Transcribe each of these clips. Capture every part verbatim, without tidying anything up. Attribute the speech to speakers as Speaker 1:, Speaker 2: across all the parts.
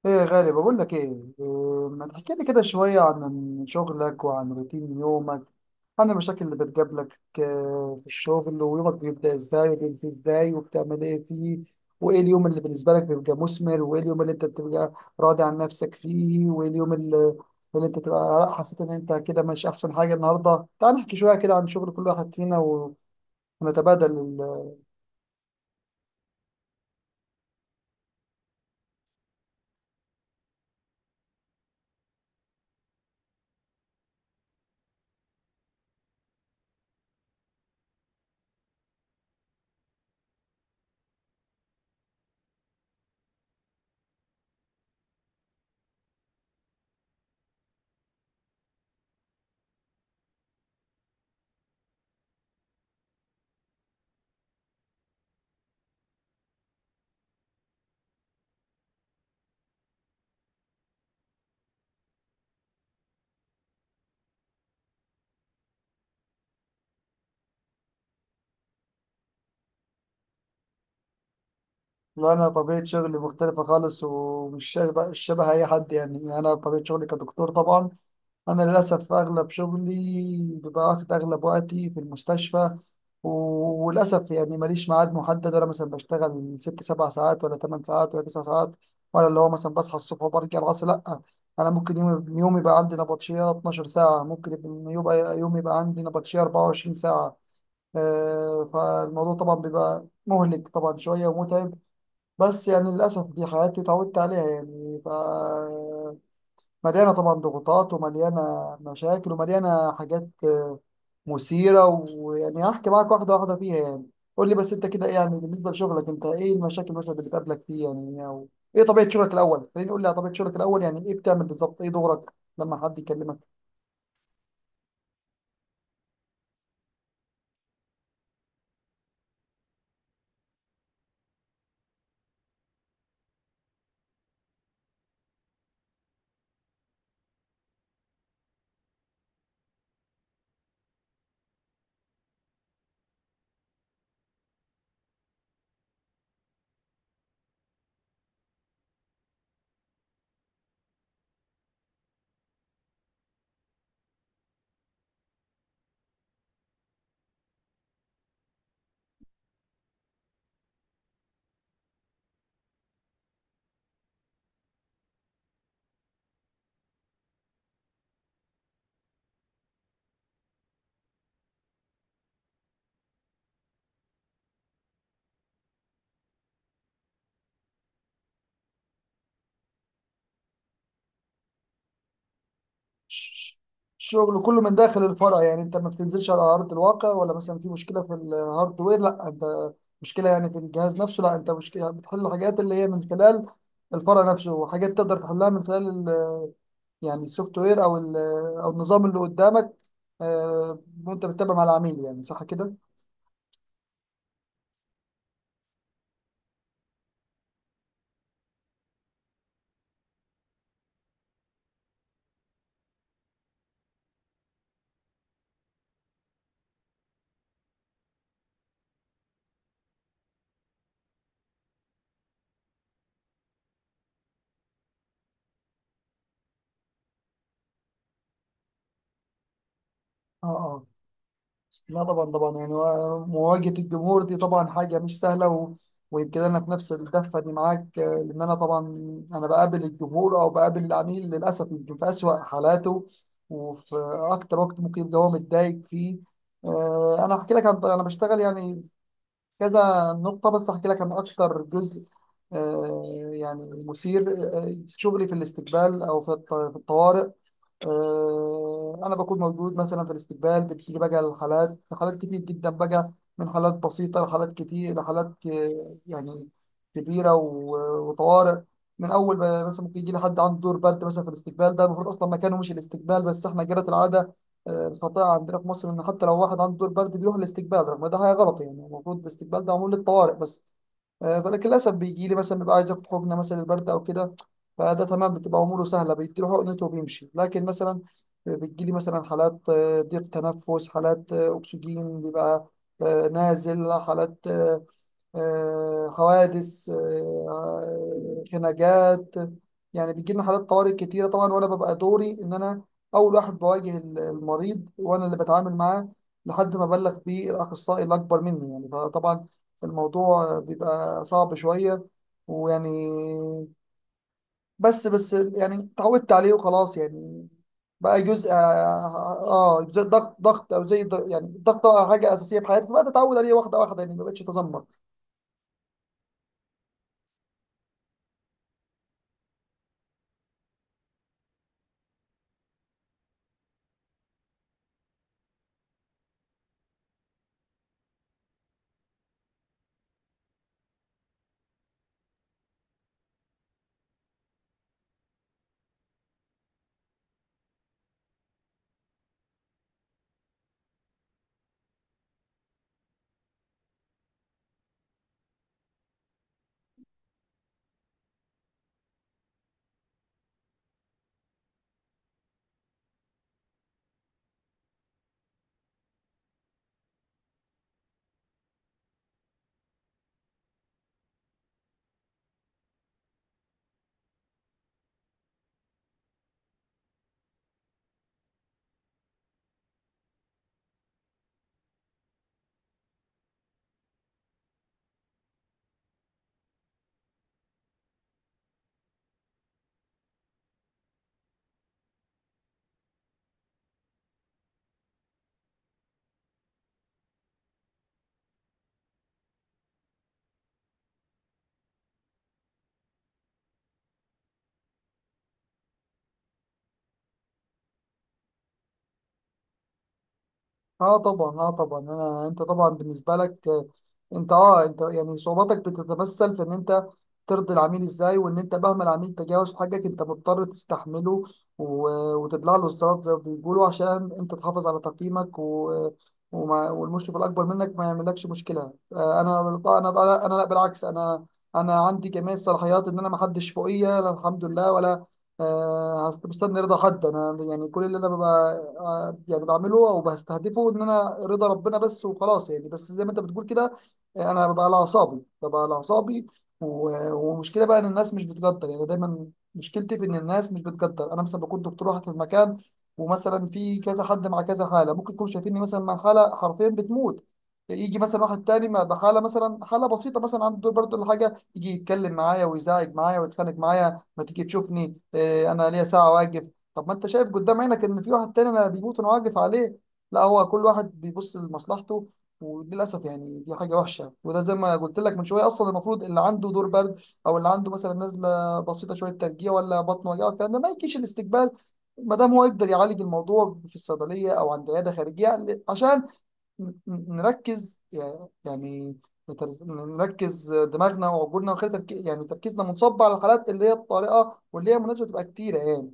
Speaker 1: ايه يا غالي، بقول لك ايه. إيه، ما تحكي لي كده شوية عن شغلك وعن روتين يومك، عن المشاكل اللي بتقابلك آه، في الشغل، ويومك بيبدأ ازاي وبينتهي ازاي وبتعمل ايه فيه، وايه اليوم اللي بالنسبة لك بيبقى مثمر، وايه اليوم اللي انت بتبقى راضي عن نفسك فيه، وايه اليوم اللي, اللي انت تبقى لأ، حسيت ان انت كده مش احسن حاجة. النهاردة تعال نحكي شوية كده عن شغل كل واحد فينا و- ونتبادل. لا، أنا طبيعة شغلي مختلفة خالص، ومش شبه, مش شبه أي حد. يعني أنا طبيعة شغلي كدكتور، طبعا أنا للأسف أغلب شغلي بيبقى واخد أغلب وقتي في المستشفى، و- وللأسف يعني ماليش ميعاد محدد، ولا مثلا بشتغل ست سبع ساعات، ولا تمن ساعات، ولا تسع ساعات، ولا اللي هو مثلا بصحى الصبح وبرجع العصر، لأ. أنا ممكن يوم يوم يبقى عندي نبطشية 12 ساعة، ممكن يبقى يبقى- يوم يبقى عندي نبطشية 24 ساعة. آه، فالموضوع طبعا بيبقى مهلك طبعا شوية ومتعب، بس يعني للأسف دي حياتي، اتعودت عليها يعني. ف مليانة طبعا ضغوطات، ومليانة مشاكل، ومليانة حاجات آه، مثيرة. ويعني هحكي معاك واحدة واحدة فيها يعني. قول لي بس أنت كده إيه يعني، بالنسبة لشغلك أنت إيه المشاكل مثلا اللي بتقابلك فيه، يعني، أو إيه طبيعة شغلك الأول؟ خليني قول لي على طبيعة شغلك الأول، يعني إيه بتعمل بالظبط، إيه دورك لما حد يكلمك. ش- شغل كله من داخل الفرع؟ يعني انت ما بتنزلش على ارض الواقع، ولا مثلا في مشكله في الهاردوير، لا انت مشكله يعني في الجهاز نفسه، لا انت مشكله بتحل حاجات اللي هي من خلال الفرع نفسه، وحاجات تقدر تحلها من خلال ال- يعني السوفت وير، او ال- او النظام اللي قدامك. آه، وانت بتتابع مع العميل، يعني صح كده؟ اه، لا طبعا طبعا يعني، و مواجهة الجمهور دي طبعا حاجة مش سهلة. و... ويمكن أنا في نفس الدفة دي معاك آه، لأن أنا طبعا أنا بقابل الجمهور أو بقابل العميل للأسف يمكن في أسوأ حالاته، وفي أكتر وقت ممكن يبقى هو متضايق فيه. آه، أنا هحكي لك عن أنا بشتغل يعني كذا نقطة، بس هحكي لك عن أكتر جزء آه، يعني مثير. آه، شغلي في الاستقبال، أو في الط- في الطوارئ. آه، انا بكون موجود مثلا في الاستقبال، بتيجي بقى الحالات، حالات كتير جدا بقى، من حالات بسيطه لحالات كتير لحالات ك- يعني كبيره و- وطوارئ. من اول ما- مثلا ممكن يجي لي حد عنده دور برد، مثلا في الاستقبال، ده المفروض اصلا مكانه مش الاستقبال، بس احنا جرت العاده آه، الخطيئه عندنا في مصر ان حتى لو واحد عنده دور برد بيروح الاستقبال، رغم ده حاجه غلط. يعني المفروض الاستقبال ده معمول للطوارئ بس. آه، فلكن للاسف بيجي لي مثلا بيبقى عايز ياخد حقنه مثلا البرد او كده، فده تمام، بتبقى اموره سهله، بيديله حقنته وبيمشي. لكن مثلا بتجي لي مثلا حالات آه، ضيق تنفس، حالات آه، اكسجين بيبقى آه، نازل، حالات آه، آه، حوادث، آه، خناقات. يعني بيجي لنا حالات طوارئ كتيرة طبعا، وأنا ببقى دوري إن أنا أول واحد بواجه ال- المريض، وأنا اللي بتعامل معاه لحد ما بلغ بيه الأخصائي الأكبر مني يعني. فطبعا الموضوع بيبقى صعب شوية، ويعني بس بس يعني اتعودت عليه وخلاص يعني، بقى جزء اه. آه، زي ضغط ضغط، او زي ض- يعني الضغط، طبعاً حاجه اساسيه في حياتي، فبقى اتعود عليه واحده واحده يعني، ما بقتش اتذمر. اه طبعا، اه طبعا. انا انت طبعا بالنسبه لك آه، انت اه انت يعني صعوباتك بتتمثل في ان انت ترضي العميل ازاي، وان انت مهما العميل تجاوز حاجك انت مضطر تستحمله، و... وتبلع له الزلط زي ما بيقولوا، عشان انت تحافظ على تقييمك، و... وما... والمشرف الاكبر منك ما يعملكش مشكله. آه، انا انا انا لا بالعكس، انا انا عندي جميع الصلاحيات، ان انا ما حدش فوقيا، لا الحمد لله، ولا آه، هست- مستني رضا حد، انا يعني كل اللي انا ببقى آه، يعني بعمله او بستهدفه ان انا رضا ربنا بس وخلاص يعني. بس زي ما انت بتقول كده آه، انا ببقى على اعصابي، ببقى على اعصابي، و- ومشكله بقى ان الناس مش بتقدر، يعني دايما مشكلتي في ان الناس مش بتقدر. انا مثلا بكون دكتور واحد في المكان، ومثلا في كذا حد مع كذا حاله، ممكن يكونوا شايفيني مثلا مع حاله حرفيا بتموت، يجي مثلا واحد تاني مع ده حاله مثلا، حاله بسيطه، مثلا عنده دور برضه ولا حاجه، يجي يتكلم معايا، ويزعج معايا، ويتخانق معايا، ما تيجي تشوفني آه، انا ليا ساعه واقف. طب ما انت شايف قدام عينك ان في واحد تاني انا بيموت وانا واقف عليه. لا، هو كل واحد بيبص لمصلحته، وللاسف يعني دي حاجه وحشه. وده زي ما قلت لك من شويه، اصلا المفروض اللي عنده دور برد، او اللي عنده مثلا نزله بسيطه شويه، ترجيع، ولا بطن وجع، الكلام ده ما يجيش الاستقبال، ما دام هو يقدر يعالج الموضوع في الصيدليه او عند عياده خارجيه، عشان ن- نركز يع- يعني نتر- نركز دماغنا وعقولنا، وخلي تركي يعني تركيزنا منصب على الحالات اللي هي الطارئة، واللي هي مناسبة تبقى كتيرة يعني.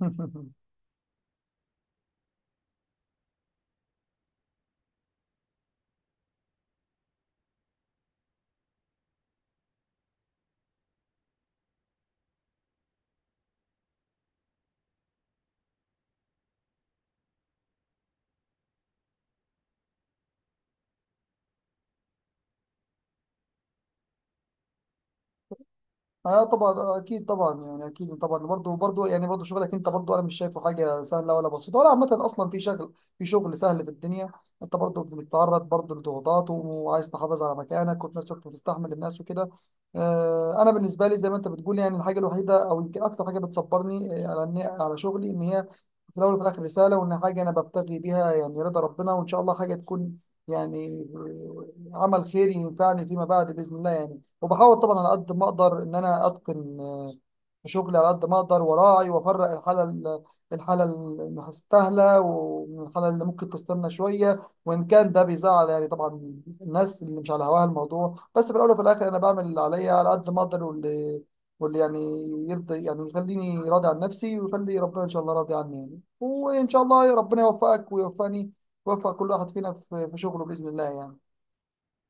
Speaker 1: اه طبعا، آه، اكيد طبعا، يعني اكيد طبعا برضه، برضه يعني برضه شغلك انت برضه، انا مش شايفه حاجه سهله ولا بسيطه ولا عامه، اصلا في شغل، في شغل سهل في الدنيا. انت برضه بتتعرض برضه لضغوطات، وعايز تحافظ على مكانك، وفي نفس الوقت بتستحمل الناس وكده. آه، انا بالنسبه لي زي ما انت بتقول يعني، الحاجه الوحيده او يمكن اكتر حاجه بتصبرني آه، على إن- على شغلي، ان هي في الاول وفي الاخر رساله، وان حاجه انا ببتغي بيها يعني رضا ربنا، وان شاء الله حاجه تكون يعني آه، عمل خيري ينفعني فيما بعد باذن الله يعني. وبحاول طبعا على قد ما اقدر ان انا اتقن آه، شغلي على قد ما اقدر، وراعي وافرق الحاله ال- الحاله المستاهله، ومن الحاله اللي ممكن تستنى شويه، وان كان ده بيزعل يعني طبعا الناس اللي مش على هواها الموضوع. بس في الاول وفي الاخر انا بعمل اللي عليا على قد ما اقدر، واللي واللي يعني يرضي، يعني يخليني راضي عن نفسي، ويخلي ربنا ان شاء الله راضي عني يعني. وان شاء الله ربنا يوفقك ويوفقني، ويوفق كل واحد فينا في في شغله باذن الله يعني.